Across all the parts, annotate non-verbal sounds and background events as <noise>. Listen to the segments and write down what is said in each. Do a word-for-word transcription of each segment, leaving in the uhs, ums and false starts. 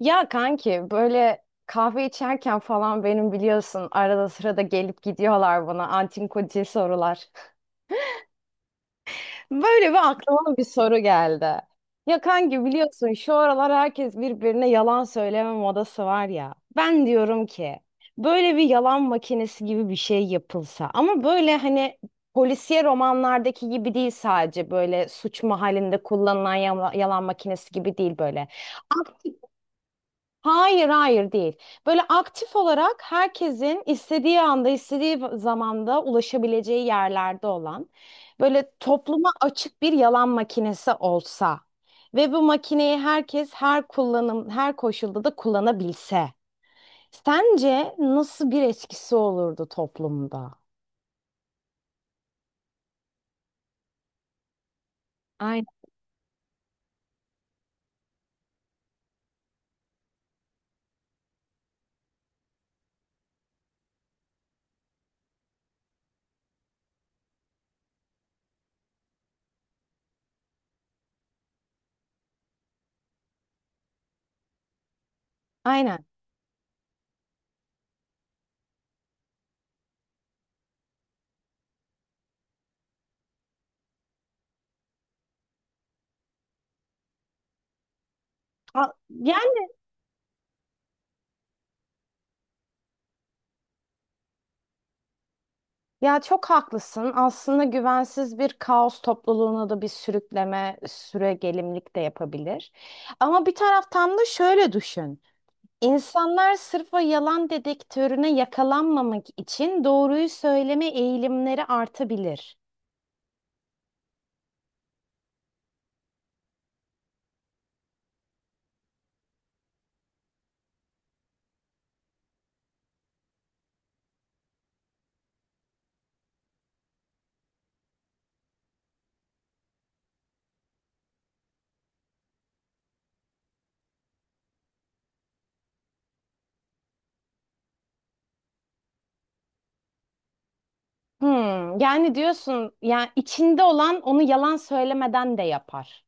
Ya kanki böyle kahve içerken falan benim biliyorsun arada sırada gelip gidiyorlar bana antinkotil sorular. <laughs> Böyle bir aklıma bir soru geldi. Ya kanki biliyorsun şu aralar herkes birbirine yalan söyleme modası var ya. Ben diyorum ki böyle bir yalan makinesi gibi bir şey yapılsa ama böyle hani polisiye romanlardaki gibi değil, sadece böyle suç mahallinde kullanılan yala- yalan makinesi gibi değil, böyle. Hayır, hayır değil. Böyle aktif olarak herkesin istediği anda, istediği zamanda ulaşabileceği yerlerde olan, böyle topluma açık bir yalan makinesi olsa ve bu makineyi herkes her kullanım, her koşulda da kullanabilse. Sence nasıl bir etkisi olurdu toplumda? Aynen. Aynen. A- Yani. Ya, çok haklısın. Aslında güvensiz bir kaos topluluğuna da bir sürükleme, süregelimlik de yapabilir. Ama bir taraftan da şöyle düşün. İnsanlar sırf o yalan dedektörüne yakalanmamak için doğruyu söyleme eğilimleri artabilir. Hmm, yani diyorsun, yani içinde olan onu yalan söylemeden de yapar.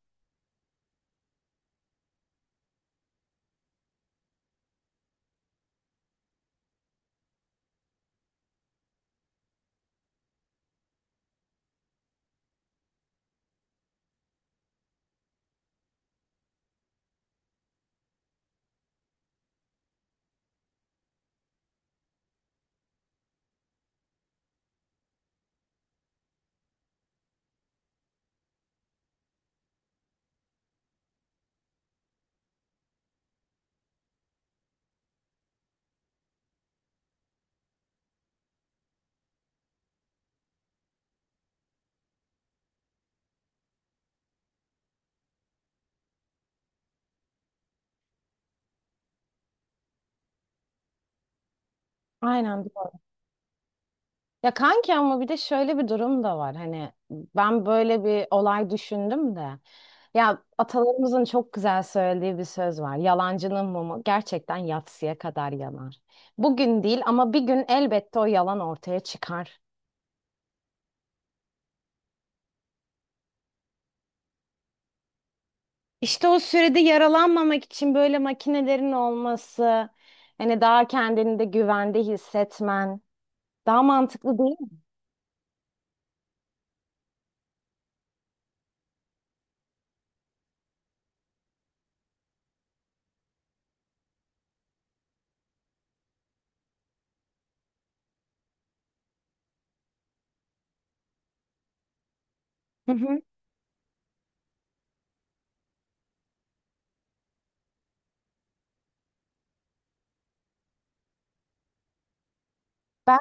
Aynen doğru. Ya kanki, ama bir de şöyle bir durum da var. Hani ben böyle bir olay düşündüm de. Ya, atalarımızın çok güzel söylediği bir söz var. Yalancının mumu gerçekten yatsıya kadar yanar. Bugün değil ama bir gün elbette o yalan ortaya çıkar. İşte o sürede yaralanmamak için böyle makinelerin olması, hani daha kendini de güvende hissetmen daha mantıklı değil mi? Hı hı. Ben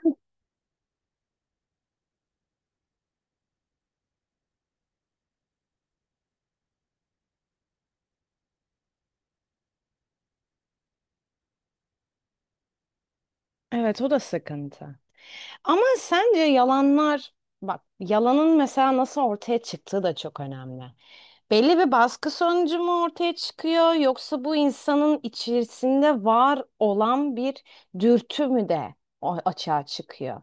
Evet, o da sıkıntı. Ama sence yalanlar, bak, yalanın mesela nasıl ortaya çıktığı da çok önemli. Belli bir baskı sonucu mu ortaya çıkıyor, yoksa bu insanın içerisinde var olan bir dürtü mü de o- açığa çıkıyor?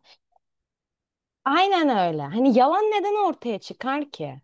Aynen öyle. Hani yalan neden ortaya çıkar ki?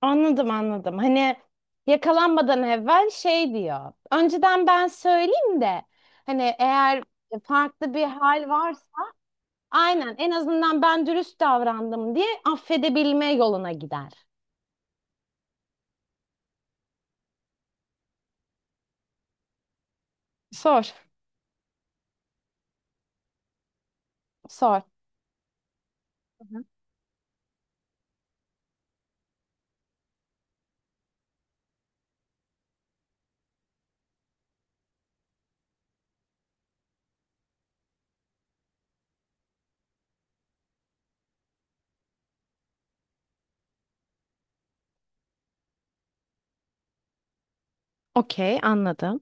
Anladım, anladım. Hani yakalanmadan evvel şey diyor. Önceden ben söyleyeyim de, hani eğer farklı bir hal varsa aynen, en azından ben dürüst davrandım diye affedebilme yoluna gider. Sor. Sor. Hı hı. Okey, anladım.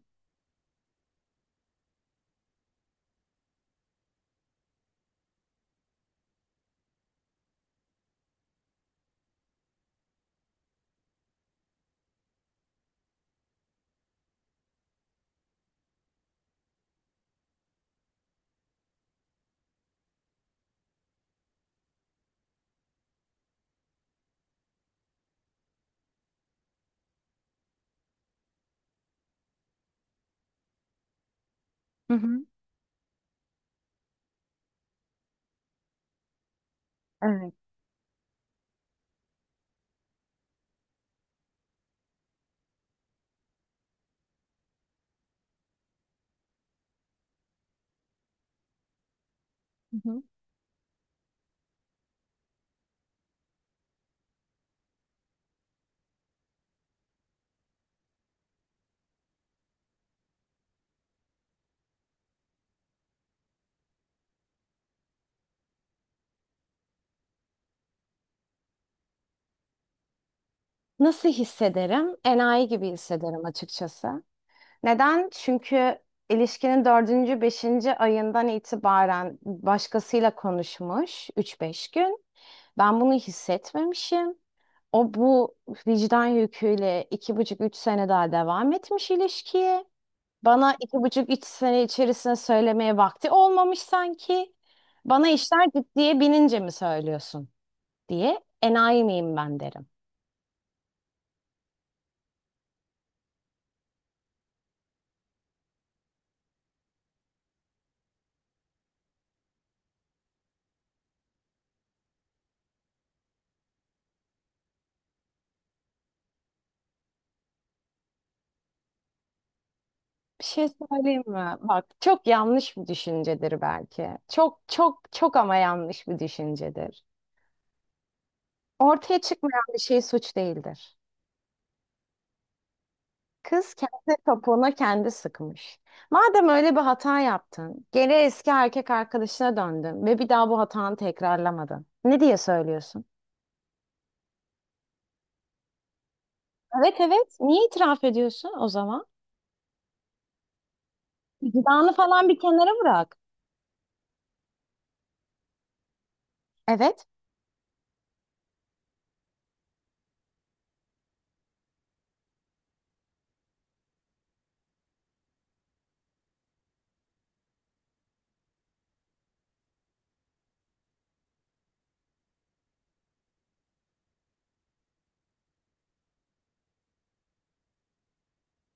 Hı hı. Evet. Hı hı. Nasıl hissederim? Enayi gibi hissederim açıkçası. Neden? Çünkü ilişkinin dördüncü, beşinci ayından itibaren başkasıyla konuşmuş üç beş gün. Ben bunu hissetmemişim. O bu vicdan yüküyle iki buçuk üç sene daha devam etmiş ilişkiye. Bana iki buçuk üç sene içerisinde söylemeye vakti olmamış sanki. Bana işler ciddiye binince mi söylüyorsun diye, enayi miyim ben, derim. Bir şey söyleyeyim mi? Bak, çok yanlış bir düşüncedir belki. Çok çok çok ama yanlış bir düşüncedir. Ortaya çıkmayan bir şey suç değildir. Kız kendi topuğuna kendi sıkmış. Madem öyle bir hata yaptın, geri eski erkek arkadaşına döndün ve bir daha bu hatanı tekrarlamadın. Ne diye söylüyorsun? Evet, evet. Niye itiraf ediyorsun o zaman? Vicdanı falan bir kenara bırak. Evet.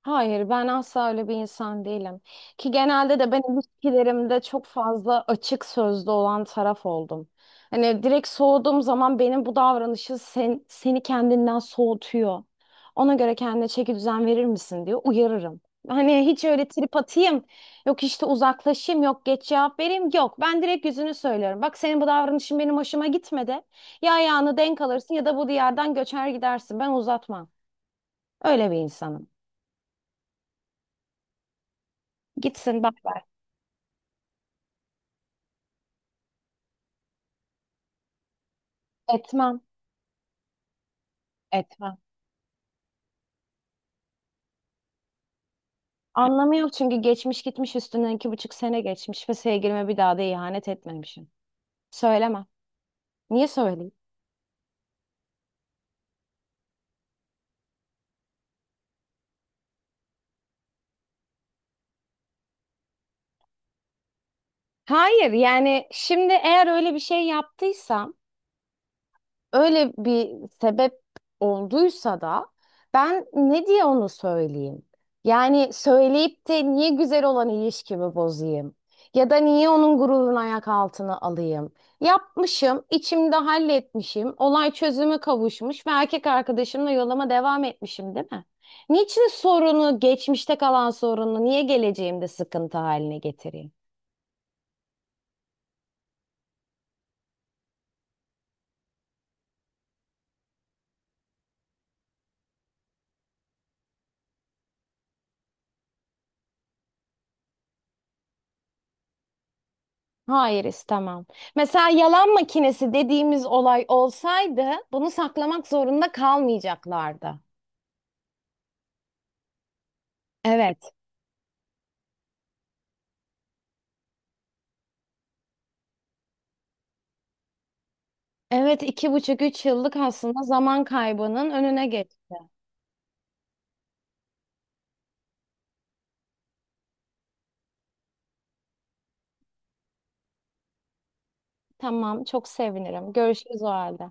Hayır, ben asla öyle bir insan değilim. Ki genelde de ben ilişkilerimde çok fazla açık sözlü olan taraf oldum. Hani direkt soğuduğum zaman, benim bu davranışı sen, seni kendinden soğutuyor. Ona göre kendine çeki düzen verir misin diye uyarırım. Hani hiç öyle trip atayım, yok işte uzaklaşayım, yok geç cevap vereyim, yok. Ben direkt yüzünü söylüyorum. Bak, senin bu davranışın benim hoşuma gitmedi. Ya ayağını denk alırsın, ya da bu diyardan göçer gidersin. Ben uzatmam. Öyle bir insanım. Gitsin, bak. Etmem, etmem. Anlamı yok çünkü geçmiş gitmiş, üstünden iki buçuk sene geçmiş ve sevgilime bir daha da ihanet etmemişim. Söylemem. Niye söyleyeyim? Hayır, yani şimdi eğer öyle bir şey yaptıysam, öyle bir sebep olduysa da, ben ne diye onu söyleyeyim? Yani söyleyip de niye güzel olan ilişkimi bozayım? Ya da niye onun gururunu ayak altına alayım? Yapmışım, içimde halletmişim, olay çözüme kavuşmuş ve erkek arkadaşımla yoluma devam etmişim, değil mi? Niçin sorunu, geçmişte kalan sorunu, niye geleceğimde sıkıntı haline getireyim? Hayır, istemem. Mesela yalan makinesi dediğimiz olay olsaydı bunu saklamak zorunda kalmayacaklardı. Evet. Evet, iki buçuk üç yıllık aslında zaman kaybının önüne geç. Tamam, çok sevinirim. Görüşürüz o halde.